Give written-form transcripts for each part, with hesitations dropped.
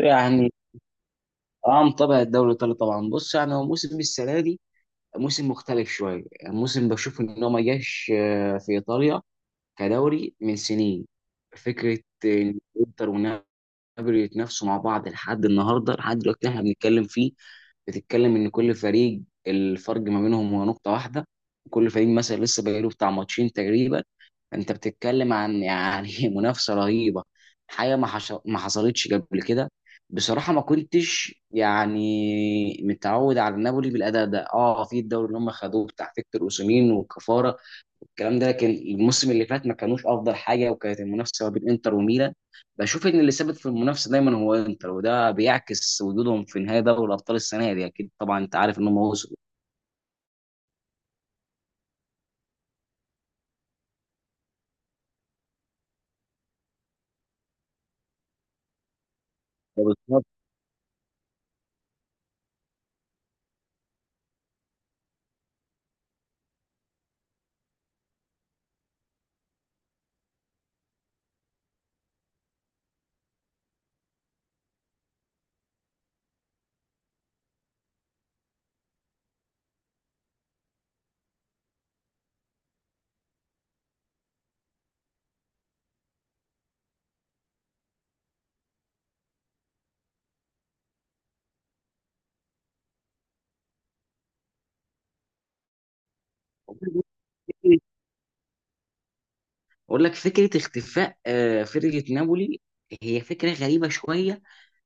يعني اه متابع الدوري الايطالي طبعا. بص، يعني هو موسم السنه دي موسم مختلف شويه. يعني موسم بشوف ان هو ما جاش في ايطاليا كدوري من سنين. فكره ان انتر ونابولي يتنافسوا مع بعض لحد النهارده، لحد دلوقتي احنا بنتكلم فيه. بتتكلم ان كل فريق، الفرق ما بينهم هو نقطه واحده. كل فريق مثلا لسه بقاله بتاع ماتشين تقريبا. انت بتتكلم عن يعني منافسه رهيبه، حاجه ما حصلتش قبل كده. بصراحه ما كنتش يعني متعود على نابولي بالاداء ده. اه في الدوري اللي هم خدوه بتاع فيكتور اوسيمين وكفاره الكلام ده، لكن الموسم اللي فات ما كانوش افضل حاجه، وكانت المنافسه ما بين انتر وميلان. بشوف ان اللي ثابت في المنافسه دايما هو انتر، وده بيعكس وجودهم في نهائي دوري الابطال السنه دي. اكيد طبعا انت عارف ان هم وصلوا دوري الأبطال. اقول لك، فكره اختفاء فرقه نابولي هي فكره غريبه شويه.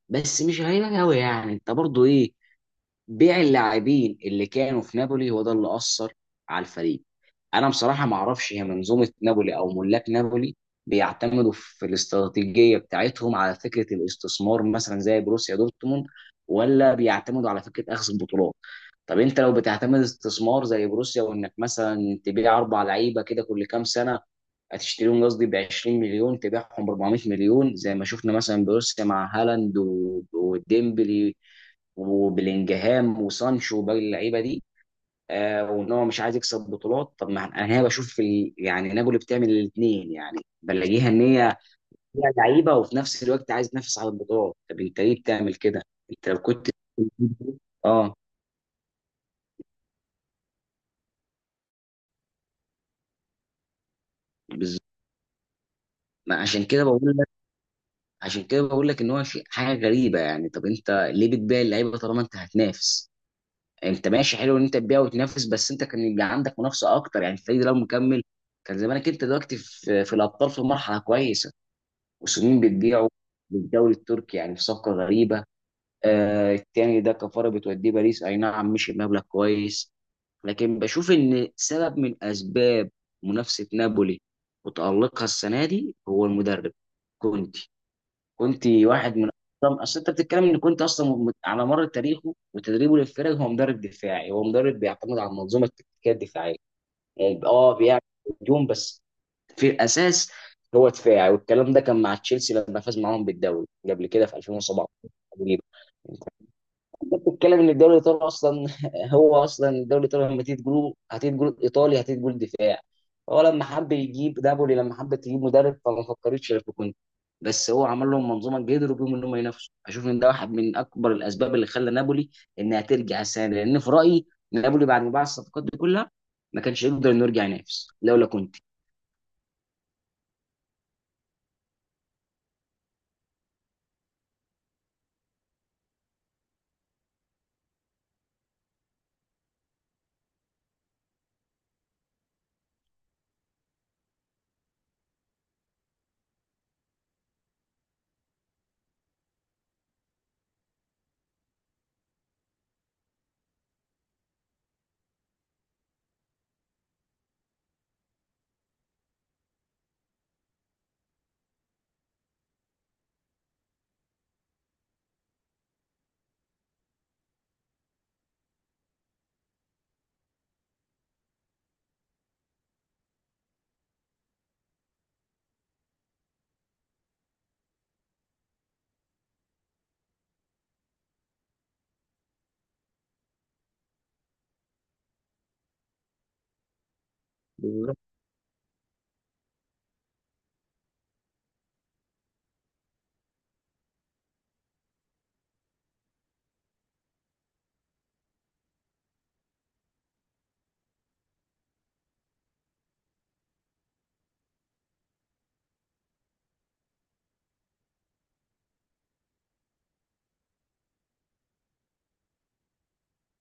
بس مش غريبه قوي، يعني انت برضو ايه، بيع اللاعبين اللي كانوا في نابولي هو ده اللي أثر على الفريق. انا بصراحه ما اعرفش هي منظومه نابولي او ملاك نابولي بيعتمدوا في الاستراتيجيه بتاعتهم على فكره الاستثمار، مثلا زي بروسيا دورتموند، ولا بيعتمدوا على فكره اخذ البطولات. طب انت لو بتعتمد استثمار زي بروسيا، وانك مثلا تبيع 4 لعيبه كده كل كام سنه، هتشتريهم قصدي ب 20 مليون تبيعهم ب 400 مليون، زي ما شفنا مثلا بروسيا مع هالاند وديمبلي وبلينجهام وسانشو وباقي اللعيبه دي. آه، وان هو مش عايز يكسب بطولات. طب ما انا هنا بشوف يعني نابولي بتعمل الاثنين. يعني بلاقيها ان هي فيها لعيبه وفي نفس الوقت عايز تنافس على البطولات، طب انت ليه بتعمل كده؟ انت لو كنت اه، بالظبط. ما عشان كده بقول لك، عشان كده بقول لك ان هو شيء، حاجه غريبه. يعني طب انت ليه بتبيع اللعيبه طالما انت هتنافس؟ انت ماشي حلو ان انت تبيع وتنافس، بس انت كان يبقى عندك منافسه اكتر. يعني الفريق ده لو مكمل كان زمانك انت دلوقتي في الابطال في مرحله كويسه. وسنين بتبيعه للدوري التركي يعني في صفقه غريبه. آه، التاني ده كفاره بتوديه باريس، اي نعم مش بمبلغ كويس. لكن بشوف ان سبب من اسباب منافسه نابولي وتالقها السنه دي هو المدرب كونتي. كنت واحد من، اصلا اصل انت بتتكلم، ان كنت اصلا على مر تاريخه وتدريبه للفرق هو مدرب دفاعي. هو مدرب بيعتمد على المنظومه التكتيكيه الدفاعيه. يعني اه بيعمل هجوم بس في الاساس هو دفاعي. والكلام ده كان مع تشيلسي لما فاز معاهم بالدوري قبل كده في 2017. بتتكلم ان الدوري الايطالي اصلا هو اصلا الدوري الايطالي لما تيجي تقول، هتيجي تقول ايطالي، هتيجي تقول دفاع. هو لما حب يجيب نابولي، لما حب تجيب مدرب، فما فكرتش في كونتي. بس هو عمل لهم منظومه قدروا بيهم ان هم ينافسوا. اشوف ان ده واحد من اكبر الاسباب اللي خلى نابولي انها ترجع السنه دي، لان في رايي نابولي بعد ما باع الصفقات دي كلها ما كانش يقدر انه يرجع ينافس لولا كونتي. بالظبط.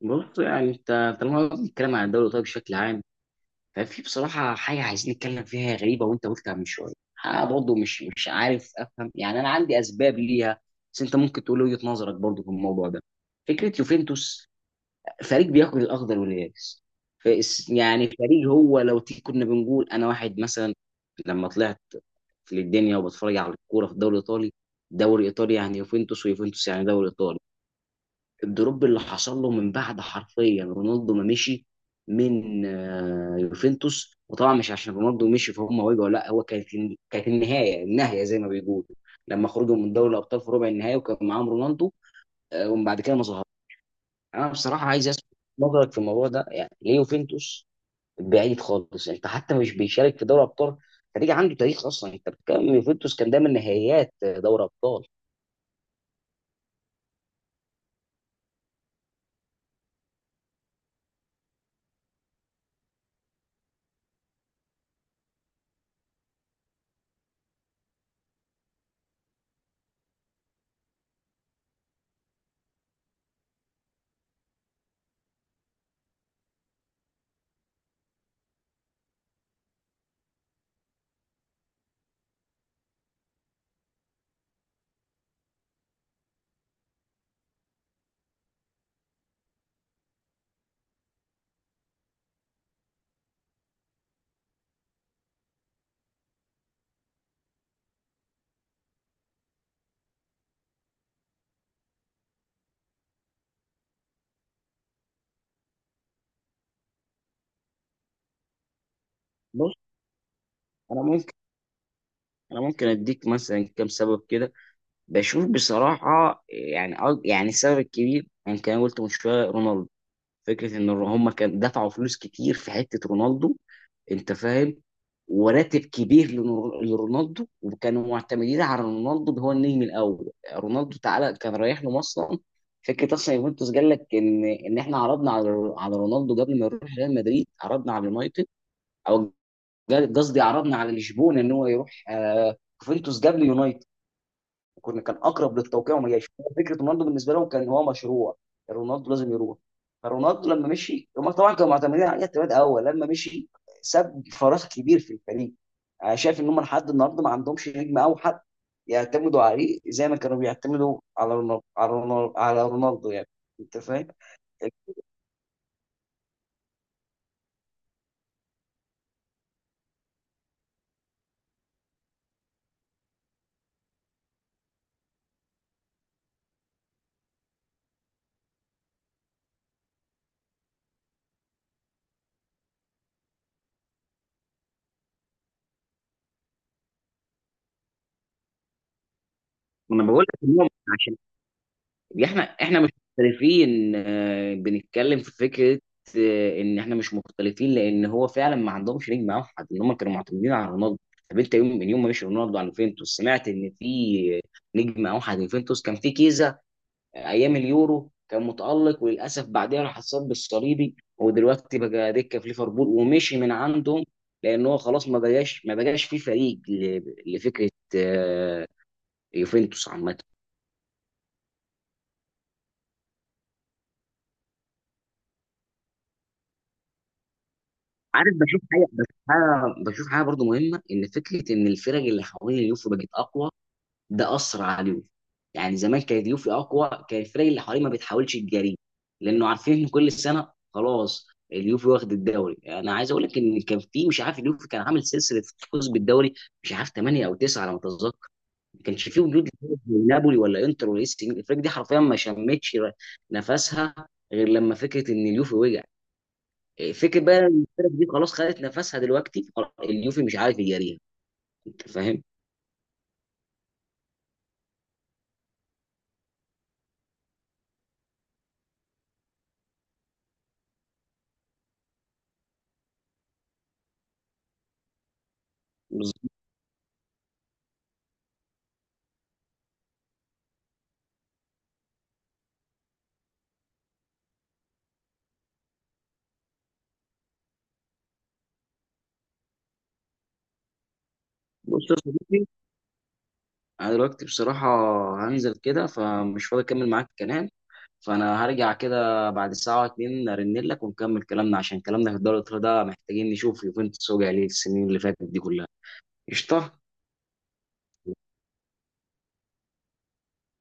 بالظبط، يعني انت طالما الكلام عن الدوري الايطالي بشكل عام، كان في بصراحة حاجة عايزين نتكلم فيها غريبة وأنت قلتها من شوية. أنا برضه مش عارف أفهم. يعني أنا عندي أسباب ليها، بس أنت ممكن تقول وجهة نظرك برضه في الموضوع ده. فكرة يوفنتوس، فريق بياكل الأخضر واليابس. يعني فريق هو لو تيجي، كنا بنقول أنا واحد مثلا لما طلعت في الدنيا وبتفرج على الكورة في الدوري الإيطالي، الدوري الإيطالي يعني يوفنتوس، ويوفنتوس يعني دوري إيطالي. الدروب اللي حصل له من بعد حرفيا رونالدو ما مشي من يوفنتوس. وطبعا مش عشان رونالدو مشي فهم وجعوا، لا هو كانت، كانت النهايه، النهايه زي ما بيقولوا، لما خرجوا من دوري الابطال في ربع النهائي وكان معاهم رونالدو ومن بعد كده ما ظهر. انا بصراحه عايز اسمع نظرك في الموضوع ده، يعني ليه يوفنتوس بعيد خالص؟ انت حتى مش بيشارك في دوري الابطال. فريق عنده تاريخ، اصلا انت بتتكلم يوفنتوس كان دايما نهائيات دوري ابطال. بص، انا ممكن انا ممكن اديك مثلا كام سبب كده. بشوف بصراحة يعني يعني السبب الكبير، يعني كان قلت من شوية رونالدو. فكرة إن هم كان دفعوا فلوس كتير في حتة رونالدو. أنت فاهم، وراتب كبير لرونالدو، وكانوا معتمدين على رونالدو ده هو النجم الأول. رونالدو تعالى كان رايح لهم أصلا. فكرة أصلا، يوفنتوس قال لك إن، إحنا عرضنا على رونالدو قبل ما يروح ريال مدريد. عرضنا على اليونايتد، أو قصدي عرضنا على لشبونة، إن هو يروح يوفنتوس قبل يونايتد. وكنا، كان اقرب للتوقيع وما جاش. فكره رونالدو بالنسبه لهم كان هو مشروع، رونالدو لازم يروح. فرونالدو لما مشي هم طبعا كانوا معتمدين عليه اعتماد اول. لما مشي ساب فراغ كبير في الفريق. انا شايف ان هم لحد النهارده ما عندهمش نجم اوحد يعتمدوا عليه زي ما كانوا بيعتمدوا على رونالدو يعني. انت فاهم. ما انا بقول لك إن هم، عشان احنا مش مختلفين، بنتكلم في فكره ان احنا مش مختلفين، لان هو فعلا ما عندهمش نجم اوحد، ان هم كانوا معتمدين على رونالدو. طب انت يوم من يوم ما مشي رونالدو على يوفنتوس سمعت ان في نجم اوحد يوفنتوس؟ كان في كيزا، ايام اليورو كان متالق، وللاسف بعدها راح اتصاب بالصليبي، ودلوقتي بقى دكه في ليفربول ومشي من عندهم. لان هو خلاص ما بقاش في فريق لفكره آه، يوفنتوس عامه. عارف، بشوف حاجه برضو مهمه، ان فكره ان الفرق اللي حوالين اليوفي بقت اقوى، ده اثر على اليوفي. يعني زمان كانت اليوفي اقوى، كان الفرق اللي حواليه ما بتحاولش تجاريه، لانه عارفين ان كل سنه خلاص اليوفي واخد الدوري. انا عايز اقول لك ان كان في، مش عارف، اليوفي كان عامل سلسله فوز بالدوري، مش عارف 8 او 9 على ما اتذكر. ما كانش فيه وجود لفرق زي نابولي ولا انتر ولا اي سي ميلان. الفرق دي حرفيا ما شمتش نفسها غير لما فكره ان اليوفي وقع. فكره بقى إن الفرق دي خلاص خدت نفسها دلوقتي، خلاص اليوفي مش عارف يجاريها. انت فاهم. بالظبط. بص يا صديقي، انا دلوقتي بصراحه هنزل كده فمش فاضي اكمل معاك الكلام. فانا هرجع كده بعد ساعه او اتنين ارن لك ونكمل كلامنا، عشان كلامنا في الدوري الإيطالي ده محتاجين نشوف يوفنتوس وجع ليه السنين اللي فاتت دي كلها. قشطه.